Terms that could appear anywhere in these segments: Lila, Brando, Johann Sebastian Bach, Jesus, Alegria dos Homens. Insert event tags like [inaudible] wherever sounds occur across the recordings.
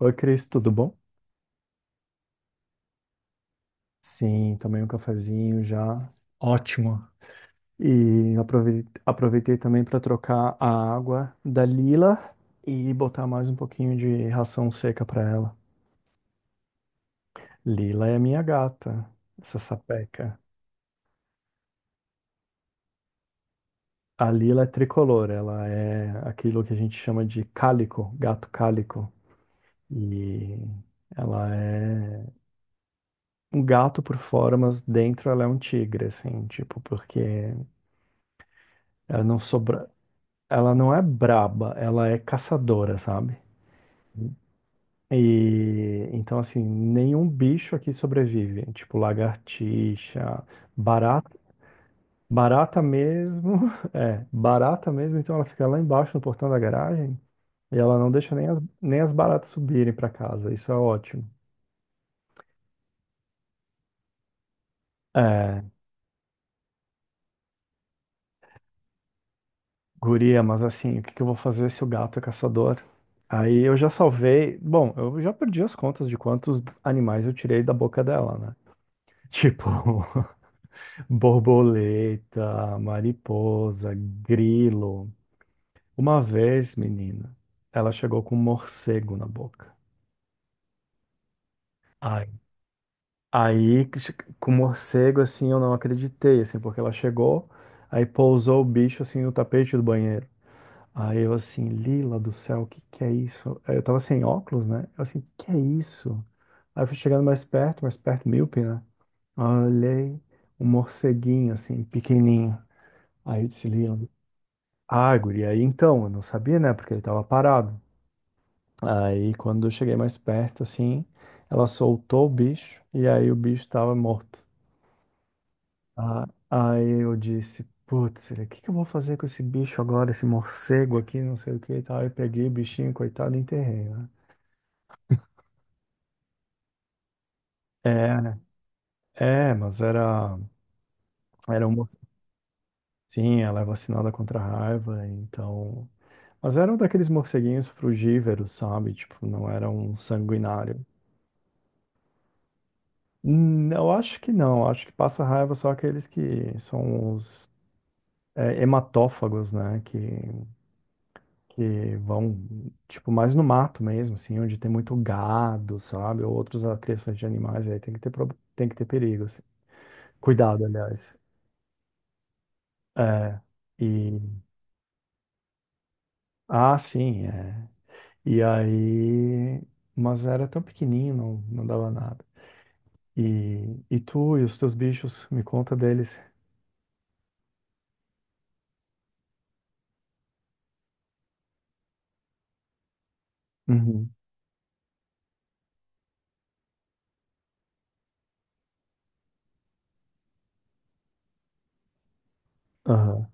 Oi, Cris, tudo bom? Sim, tomei um cafezinho já. Ótimo. E aproveitei também para trocar a água da Lila e botar mais um pouquinho de ração seca para ela. Lila é minha gata, essa sapeca. A Lila é tricolor, ela é aquilo que a gente chama de cálico, gato cálico. E ela é um gato por fora, mas dentro ela é um tigre, assim, tipo, porque ela não sobra. Ela não é braba, ela é caçadora, sabe? E então, assim, nenhum bicho aqui sobrevive. Tipo, lagartixa, barata, barata mesmo. [laughs] É, barata mesmo. Então, ela fica lá embaixo no portão da garagem e ela não deixa nem as baratas subirem pra casa. Isso é ótimo. É, guria, mas assim, o que que eu vou fazer se o gato é caçador? Aí eu já salvei. Bom, eu já perdi as contas de quantos animais eu tirei da boca dela, né? Tipo. [laughs] Borboleta, mariposa, grilo. Uma vez, menina, ela chegou com um morcego na boca. Ai. Aí, com o morcego, assim, eu não acreditei, assim, porque ela chegou, aí pousou o bicho, assim, no tapete do banheiro. Aí eu, assim, Lila do céu, o que que é isso? Aí eu tava sem óculos, né? Eu, assim, que é isso? Aí eu fui chegando mais perto, míope, né? Aí eu olhei um morceguinho, assim, pequenininho. Aí eu disse, Lila, ah, guri, aí então, eu não sabia, né? Porque ele tava parado. Aí quando eu cheguei mais perto, assim, ela soltou o bicho e aí o bicho tava morto. Ah, aí eu disse, putz, o que que eu vou fazer com esse bicho agora, esse morcego aqui, não sei o que e tal. Aí eu peguei o bichinho, coitado, e enterrei, né? É, né? É, mas era, era um morcego. Sim, ela é vacinada contra a raiva, então. Mas eram daqueles morceguinhos frugívoros, sabe? Tipo, não era um sanguinário. Eu acho que não. Acho que passa raiva só aqueles que são os, é, hematófagos, né? Que vão, tipo, mais no mato mesmo, assim, onde tem muito gado, sabe? Ou outros criações de animais. Aí tem que ter, tem que ter perigo, assim. Cuidado, aliás. É. E... Ah, sim, é. E aí... Mas era tão pequenininho, não, não dava nada. E tu e os teus bichos, me conta deles. Uhum. Aham.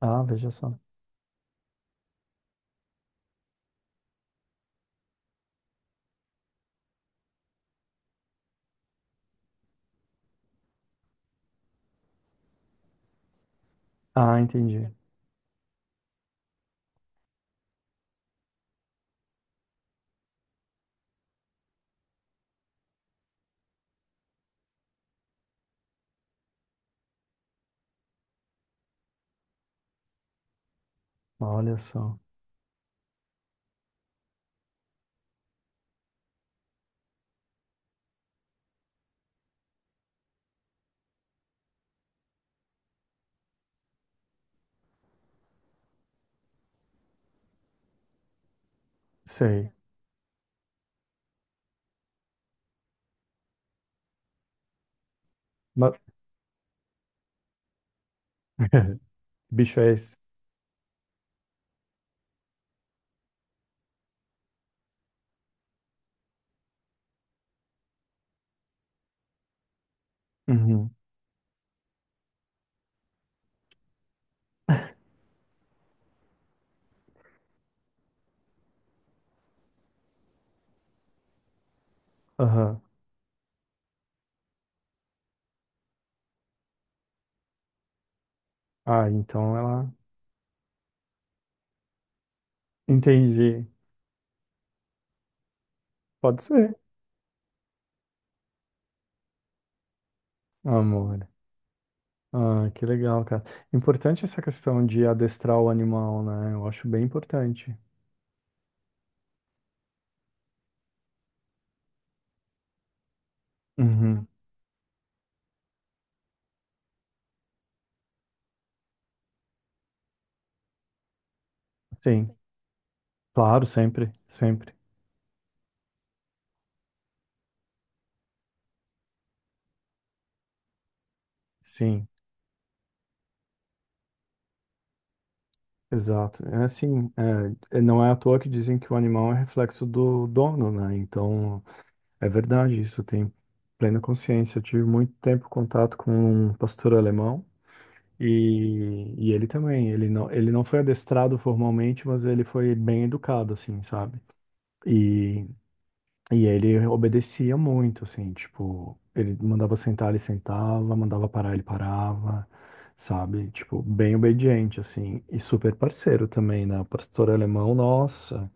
Ah, veja só. Ah, entendi. Olha só. Sei. Mas... [laughs] Bicho é esse? Uhum. Aham. Ah, então ela. Entendi. Pode ser, amor. Ah, que legal, cara. Importante essa questão de adestrar o animal, né? Eu acho bem importante. Uhum. Sim. Claro, sempre, sempre. Sim, exato. É assim, não é à toa que dizem que o animal é reflexo do dono, né? Então, é verdade, isso eu tenho plena consciência. Eu tive muito tempo contato com um pastor alemão. E ele também, ele não foi adestrado formalmente, mas ele foi bem educado, assim, sabe? E, e ele obedecia muito, assim, tipo, ele mandava sentar, ele sentava, mandava parar, ele parava, sabe? Tipo, bem obediente, assim, e super parceiro também, né? O pastor alemão, nossa!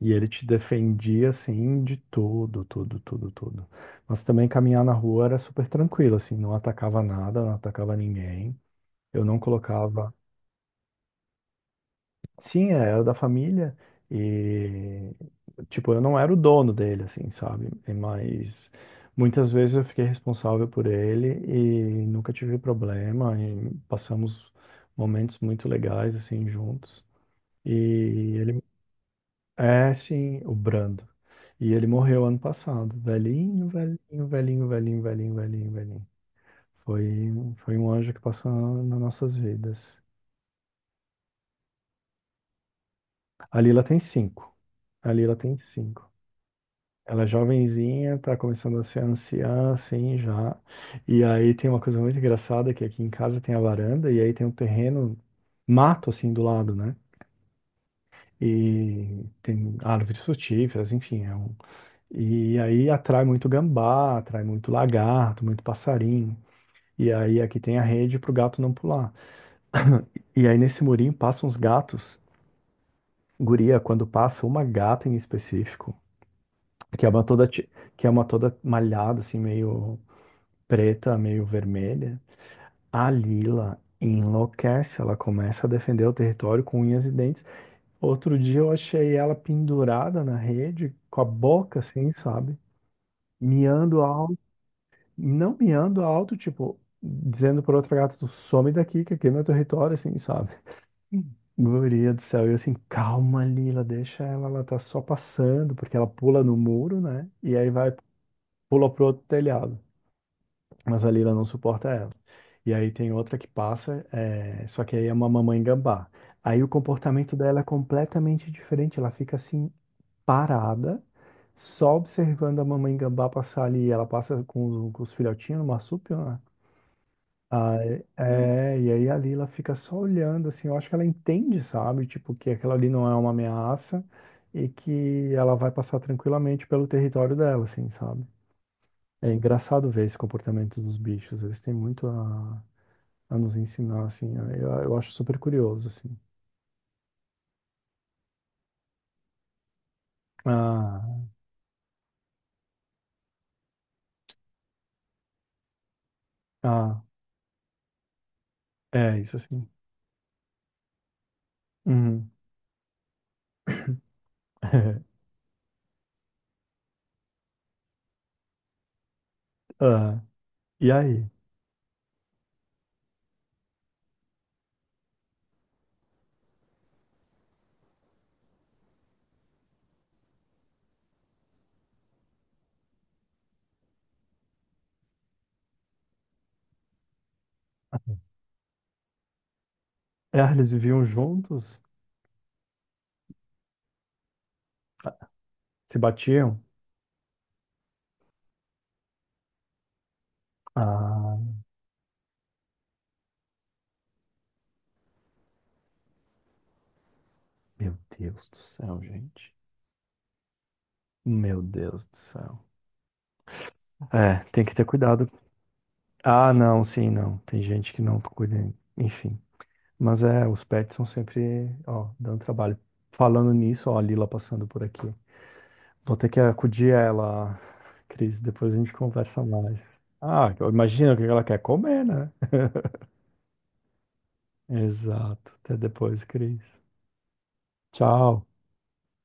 E ele te defendia, assim, de tudo, tudo, tudo, tudo. Mas também caminhar na rua era super tranquilo, assim, não atacava nada, não atacava ninguém. Eu não colocava sim, é, era da família e, tipo, eu não era o dono dele, assim, sabe? E- mas muitas vezes eu fiquei responsável por ele e nunca tive problema e passamos momentos muito legais, assim, juntos. E ele é, sim, o Brando. E ele morreu ano passado, velhinho, velhinho, velhinho, velhinho, velhinho, velhinho, velhinho. Foi, foi um anjo que passou nas nossas vidas. A Lila tem cinco. A Lila tem cinco. Ela é jovenzinha, tá começando a ser anciã, assim, já. E aí tem uma coisa muito engraçada que aqui em casa tem a varanda e aí tem um terreno, mato, assim, do lado, né? E tem árvores frutíferas, enfim. É um... E aí atrai muito gambá, atrai muito lagarto, muito passarinho. E aí aqui tem a rede pro gato não pular. E aí nesse murinho passam uns gatos. Guria, quando passa uma gata em específico, que é uma toda, ti- que é uma toda malhada, assim, meio preta, meio vermelha, a Lila enlouquece, ela começa a defender o território com unhas e dentes. Outro dia eu achei ela pendurada na rede, com a boca assim, sabe? Miando alto, não miando alto, tipo, dizendo pra outra gata, tu some daqui, que aqui é meu território, assim, sabe? Hum. Guria do céu, e eu assim, calma, Lila, deixa ela, ela tá só passando, porque ela pula no muro, né? E aí vai, pula pro outro telhado. Mas a Lila não suporta ela. E aí tem outra que passa, é, só que aí é uma mamãe gambá. Aí o comportamento dela é completamente diferente, ela fica assim parada, só observando a mamãe gambá passar ali. Ela passa com os filhotinhos no marsúpio, né? Aí, é, e aí a Lila fica só olhando, assim, eu acho que ela entende, sabe? Tipo, que aquela ali não é uma ameaça e que ela vai passar tranquilamente pelo território dela, assim, sabe? É engraçado ver esse comportamento dos bichos, eles têm muito a nos ensinar, assim. Eu acho super curioso, assim. Ah, ah, é isso, assim. Uhum. [laughs] Ah, e aí? Ah, eles viviam juntos? Se batiam? Ah, meu Deus do céu, gente. Meu Deus do céu. É, tem que ter cuidado. Ah, não, sim, não. Tem gente que não cuida, enfim. Mas é, os pets são sempre, ó, dando trabalho. Falando nisso, ó, a Lila passando por aqui. Vou ter que acudir a ela, Cris. Depois a gente conversa mais. Ah, eu imagino o que ela quer comer, né? [laughs] Exato. Até depois, Cris. Tchau.